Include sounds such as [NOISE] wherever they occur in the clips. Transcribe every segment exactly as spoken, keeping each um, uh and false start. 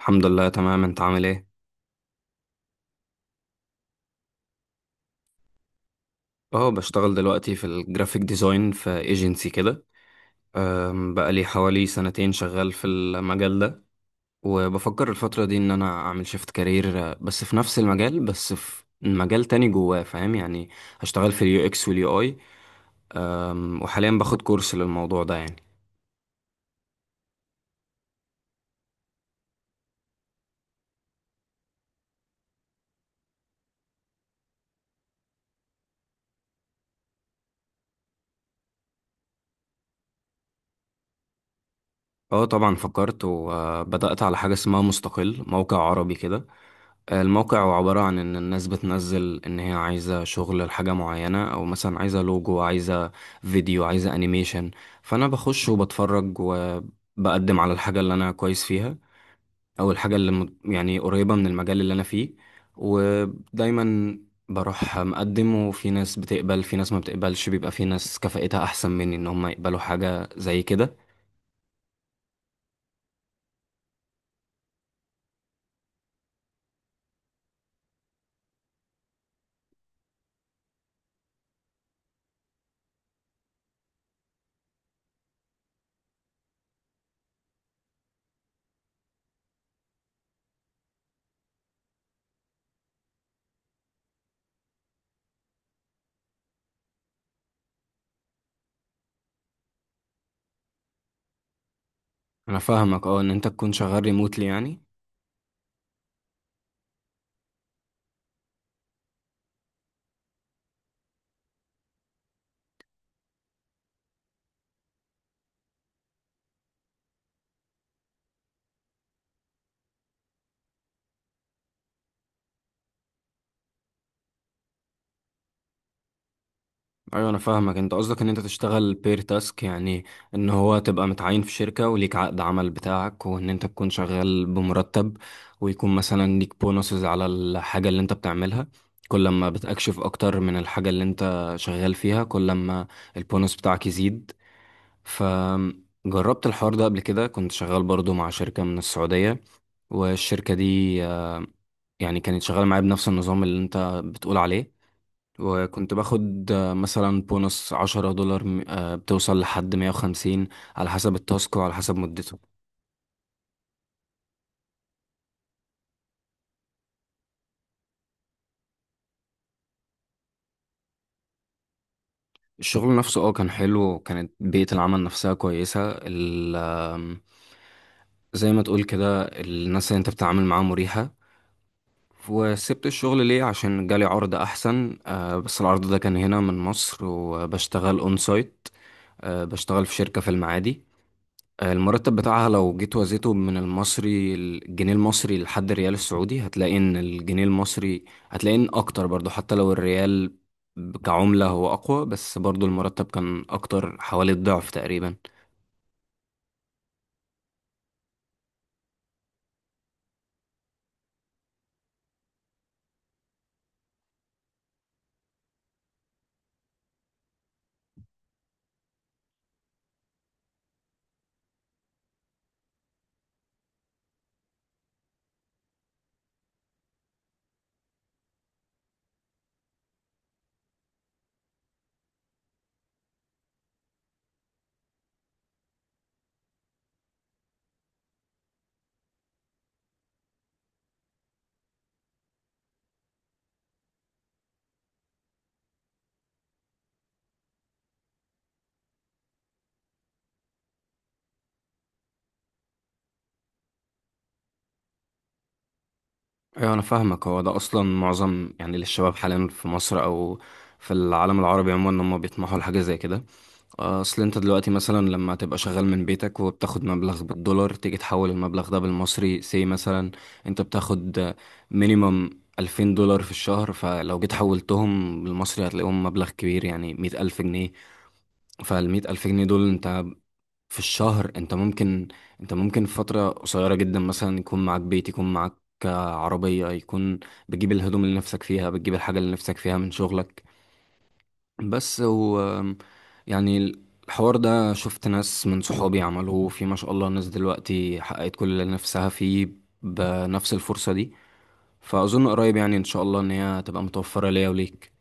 الحمد لله تمام. انت عامل ايه؟ اه، بشتغل دلوقتي في الجرافيك ديزاين في ايجنسي كده. أم، بقالي حوالي سنتين شغال في المجال ده، وبفكر الفترة دي ان انا اعمل شيفت كارير، بس في نفس المجال، بس في مجال تاني جواه، فاهم يعني. هشتغل في اليو اكس واليو اي، وحاليا باخد كورس للموضوع ده يعني. اه طبعا فكرت، وبدأت على حاجة اسمها مستقل، موقع عربي كده. الموقع هو عبارة عن إن الناس بتنزل إن هي عايزة شغل لحاجة معينة، أو مثلا عايزة لوجو، عايزة فيديو، عايزة أنيميشن. فأنا بخش وبتفرج وبقدم على الحاجة اللي أنا كويس فيها، أو الحاجة اللي مت- يعني قريبة من المجال اللي أنا فيه. ودايما بروح مقدم، وفي ناس بتقبل، في ناس ما بتقبلش، بيبقى في ناس كفاءتها أحسن مني إن هم يقبلوا حاجة زي كده. أنا فاهمك، أه، إن أنت تكون شغال ريموتلي يعني. ايوه انا فاهمك، انت قصدك ان انت تشتغل بير تاسك يعني، ان هو تبقى متعين في شركة وليك عقد عمل بتاعك، وان انت تكون شغال بمرتب، ويكون مثلا ليك بونصز على الحاجة اللي انت بتعملها. كل ما بتكشف اكتر من الحاجة اللي انت شغال فيها، كل ما البونص بتاعك يزيد. فجربت الحوار ده قبل كده، كنت شغال برضو مع شركة من السعودية، والشركة دي آه، يعني كانت شغالة معايا بنفس النظام اللي انت بتقول عليه. وكنت باخد آه، مثلا بونص عشرة دولار م- آه، بتوصل لحد مية وخمسين، على حسب التاسك وعلى حسب مدته. الشغل نفسه اه كان حلو، وكانت بيئة العمل نفسها كويسة. ال آم، زي ما تقول كده، الناس اللي انت بتتعامل معاها مريحة. وسبت الشغل ليه؟ عشان جالي عرض احسن، آه، بس العرض ده كان هنا من مصر، وبشتغل اون سايت. آه، بشتغل في شركة في المعادي. المرتب بتاعها لو جيت وزيته من المصري، الجنيه المصري لحد الريال السعودي، هتلاقي ان الجنيه المصري، هتلاقي ان اكتر برضو. حتى لو الريال كعملة هو اقوى، بس برضو المرتب كان اكتر، حوالي الضعف تقريبا. ايوه انا فاهمك، هو ده اصلا معظم يعني للشباب حاليا في مصر او في العالم العربي عموما، ان هم بيطمحوا لحاجه زي كده. اصل انت دلوقتي مثلا لما تبقى شغال من بيتك، وبتاخد مبلغ بالدولار، تيجي تحول المبلغ ده بالمصري سي مثلا. انت بتاخد مينيمم ألفين دولار في الشهر، فلو جيت حولتهم بالمصري هتلاقيهم مبلغ كبير، يعني مية ألف جنيه. فالمية ألف جنيه دول، انت في الشهر انت ممكن، انت ممكن في فترة قصيرة جدا مثلا يكون معاك بيت، يكون معاك عربية، يكون بتجيب الهدوم اللي نفسك فيها، بتجيب الحاجة اللي نفسك فيها من شغلك بس. و يعني الحوار ده شفت ناس من صحابي عملوه، في ما شاء الله ناس دلوقتي حققت كل اللي نفسها فيه بنفس الفرصة دي. فأظن قريب يعني إن شاء الله إن هي تبقى متوفرة ليا وليك.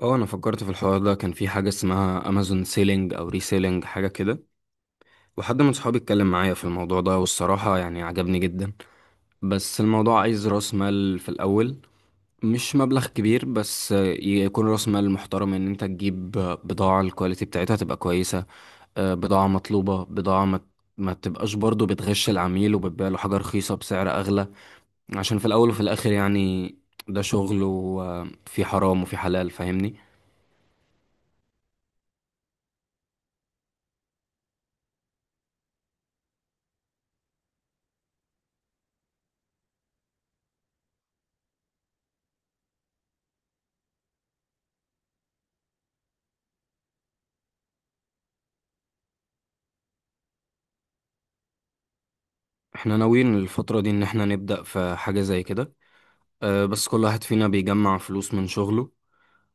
اه، أنا فكرت في الحوار ده، كان في حاجة اسمها أمازون سيلينج أو ريسيلينج، حاجة كده. وحد من صحابي اتكلم معايا في الموضوع ده، والصراحة يعني عجبني جدا. بس الموضوع عايز راس مال في الأول، مش مبلغ كبير، بس يكون راس مال محترم، ان انت تجيب بضاعة الكواليتي بتاعتها تبقى كويسة. آه، بضاعة مطلوبة، بضاعة ما ما تبقاش برضو بتغش العميل وبتبيع له حاجة رخيصة بسعر أغلى، عشان في الأول وفي الآخر يعني ده شغل، وفي حرام وفي حلال، فاهمني. احنا ناويين الفترة دي ان احنا نبدأ في حاجة زي كده. آه، بس كل واحد فينا بيجمع فلوس من شغله،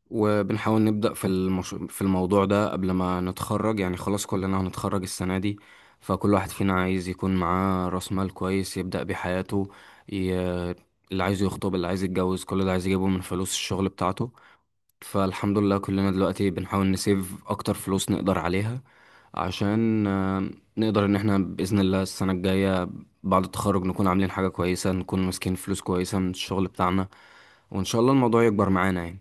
وبنحاول نبدأ في المش... في الموضوع ده قبل ما نتخرج يعني. خلاص كلنا هنتخرج السنة دي، فكل واحد فينا عايز يكون معاه رأس مال كويس يبدأ بيه حياته. ي... اللي عايز يخطب، اللي عايز يتجوز، كل ده عايز يجيبه من فلوس الشغل بتاعته. فالحمد لله كلنا دلوقتي بنحاول نسيف أكتر فلوس نقدر عليها، عشان آه، نقدر إن احنا بإذن الله السنة الجاية بعد التخرج نكون عاملين حاجة كويسة، نكون ماسكين فلوس كويسة من الشغل بتاعنا، وإن شاء الله الموضوع يكبر معانا يعني.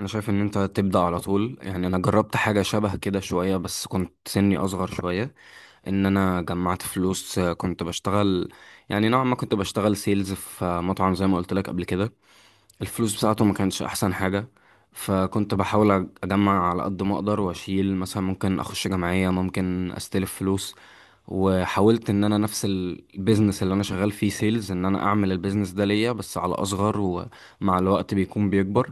انا شايف ان انت تبدا على طول يعني. انا جربت حاجه شبه كده شويه، بس كنت سني اصغر شويه. ان انا جمعت فلوس، آه، كنت بشتغل، يعني نوعا ما كنت بشتغل سيلز في آه، مطعم، زي ما قلت لك قبل كده. الفلوس بتاعته ما كانتش احسن حاجه، فكنت بحاول أج- اجمع على قد ما اقدر، واشيل مثلا، ممكن اخش جمعيه، ممكن استلف فلوس. وحاولت ان انا نفس البيزنس اللي انا شغال فيه سيلز، ان انا اعمل البيزنس ده ليا، بس على اصغر، ومع الوقت بيكون بيكبر.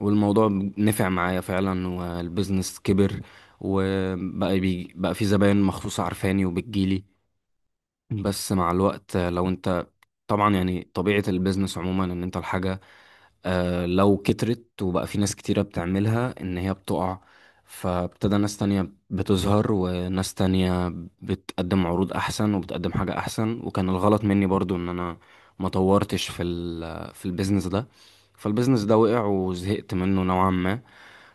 والموضوع نفع معايا فعلا، والبيزنس كبر، وبقى بي بقى في زباين مخصوصة عارفاني وبتجيلي. بس مع الوقت آه، لو انت، طبعا يعني طبيعة البيزنس عموما ان انت الحاجة آه، لو كترت وبقى في ناس كتيرة بتعملها ان هي بتقع. فابتدى ناس تانية بتظهر، وناس تانية بتقدم عروض احسن، وبتقدم حاجة احسن. وكان الغلط مني برضو ان انا ما طورتش في ال في البيزنس ده. فالبيزنس ده وقع، وزهقت منه نوعا ما.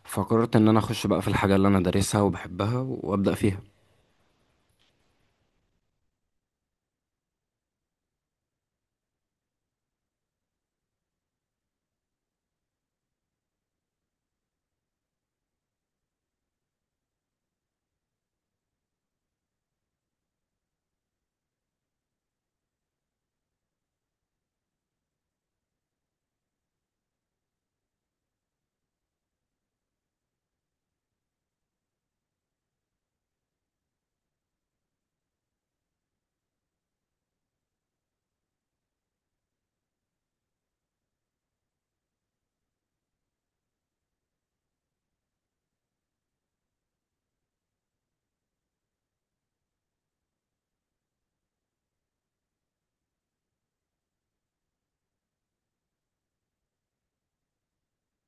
فقررت ان انا اخش بقى في الحاجه اللي انا دارسها وبحبها وابدا فيها.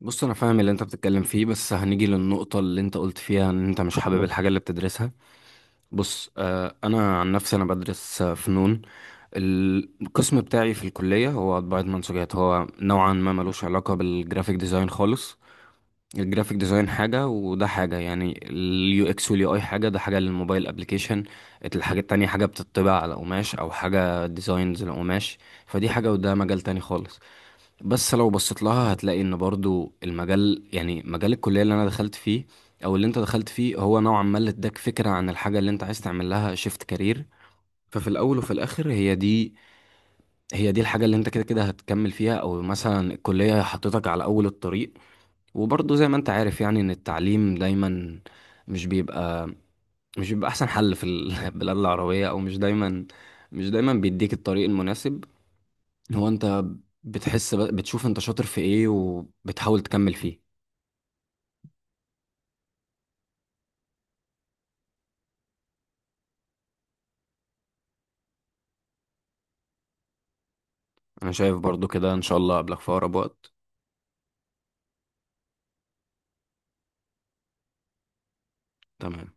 بص، انا فاهم اللي انت بتتكلم فيه، بس هنيجي للنقطه اللي انت قلت فيها ان انت مش حابب الحاجه اللي بتدرسها. بص، آه، انا عن نفسي انا بدرس آه، فنون. القسم بتاعي في الكليه هو طباعه منسوجات، هو نوعا ما ملوش علاقه بالجرافيك ديزاين خالص. الجرافيك ديزاين حاجه، وده حاجه يعني. اليو اكس واليو اي حاجه، ده حاجه للموبايل ابلكيشن. الحاجه التانية حاجه بتطبع على قماش، او حاجه ديزاينز لقماش. فدي حاجه، وده مجال تاني خالص. بس لو بصيت لها هتلاقي ان برضو المجال، يعني مجال الكلية اللي انا دخلت فيه او اللي انت دخلت فيه، هو نوعا ما اللي اداك فكرة عن الحاجة اللي انت عايز تعمل لها شيفت كارير. ففي الاول وفي الاخر هي دي هي دي الحاجة اللي انت كده كده هتكمل فيها، او مثلا الكلية حطيتك على اول الطريق. وبرضو زي ما انت عارف يعني، ان التعليم دايما مش بيبقى مش بيبقى احسن حل في البلاد [LAUGHS] العربية، او مش دايما، مش دايما بيديك الطريق المناسب. هو انت بتحس ب- بتشوف انت شاطر في ايه وبتحاول تكمل فيه. انا شايف برضو كده، ان شاء الله قبلك في اقرب وقت. تمام.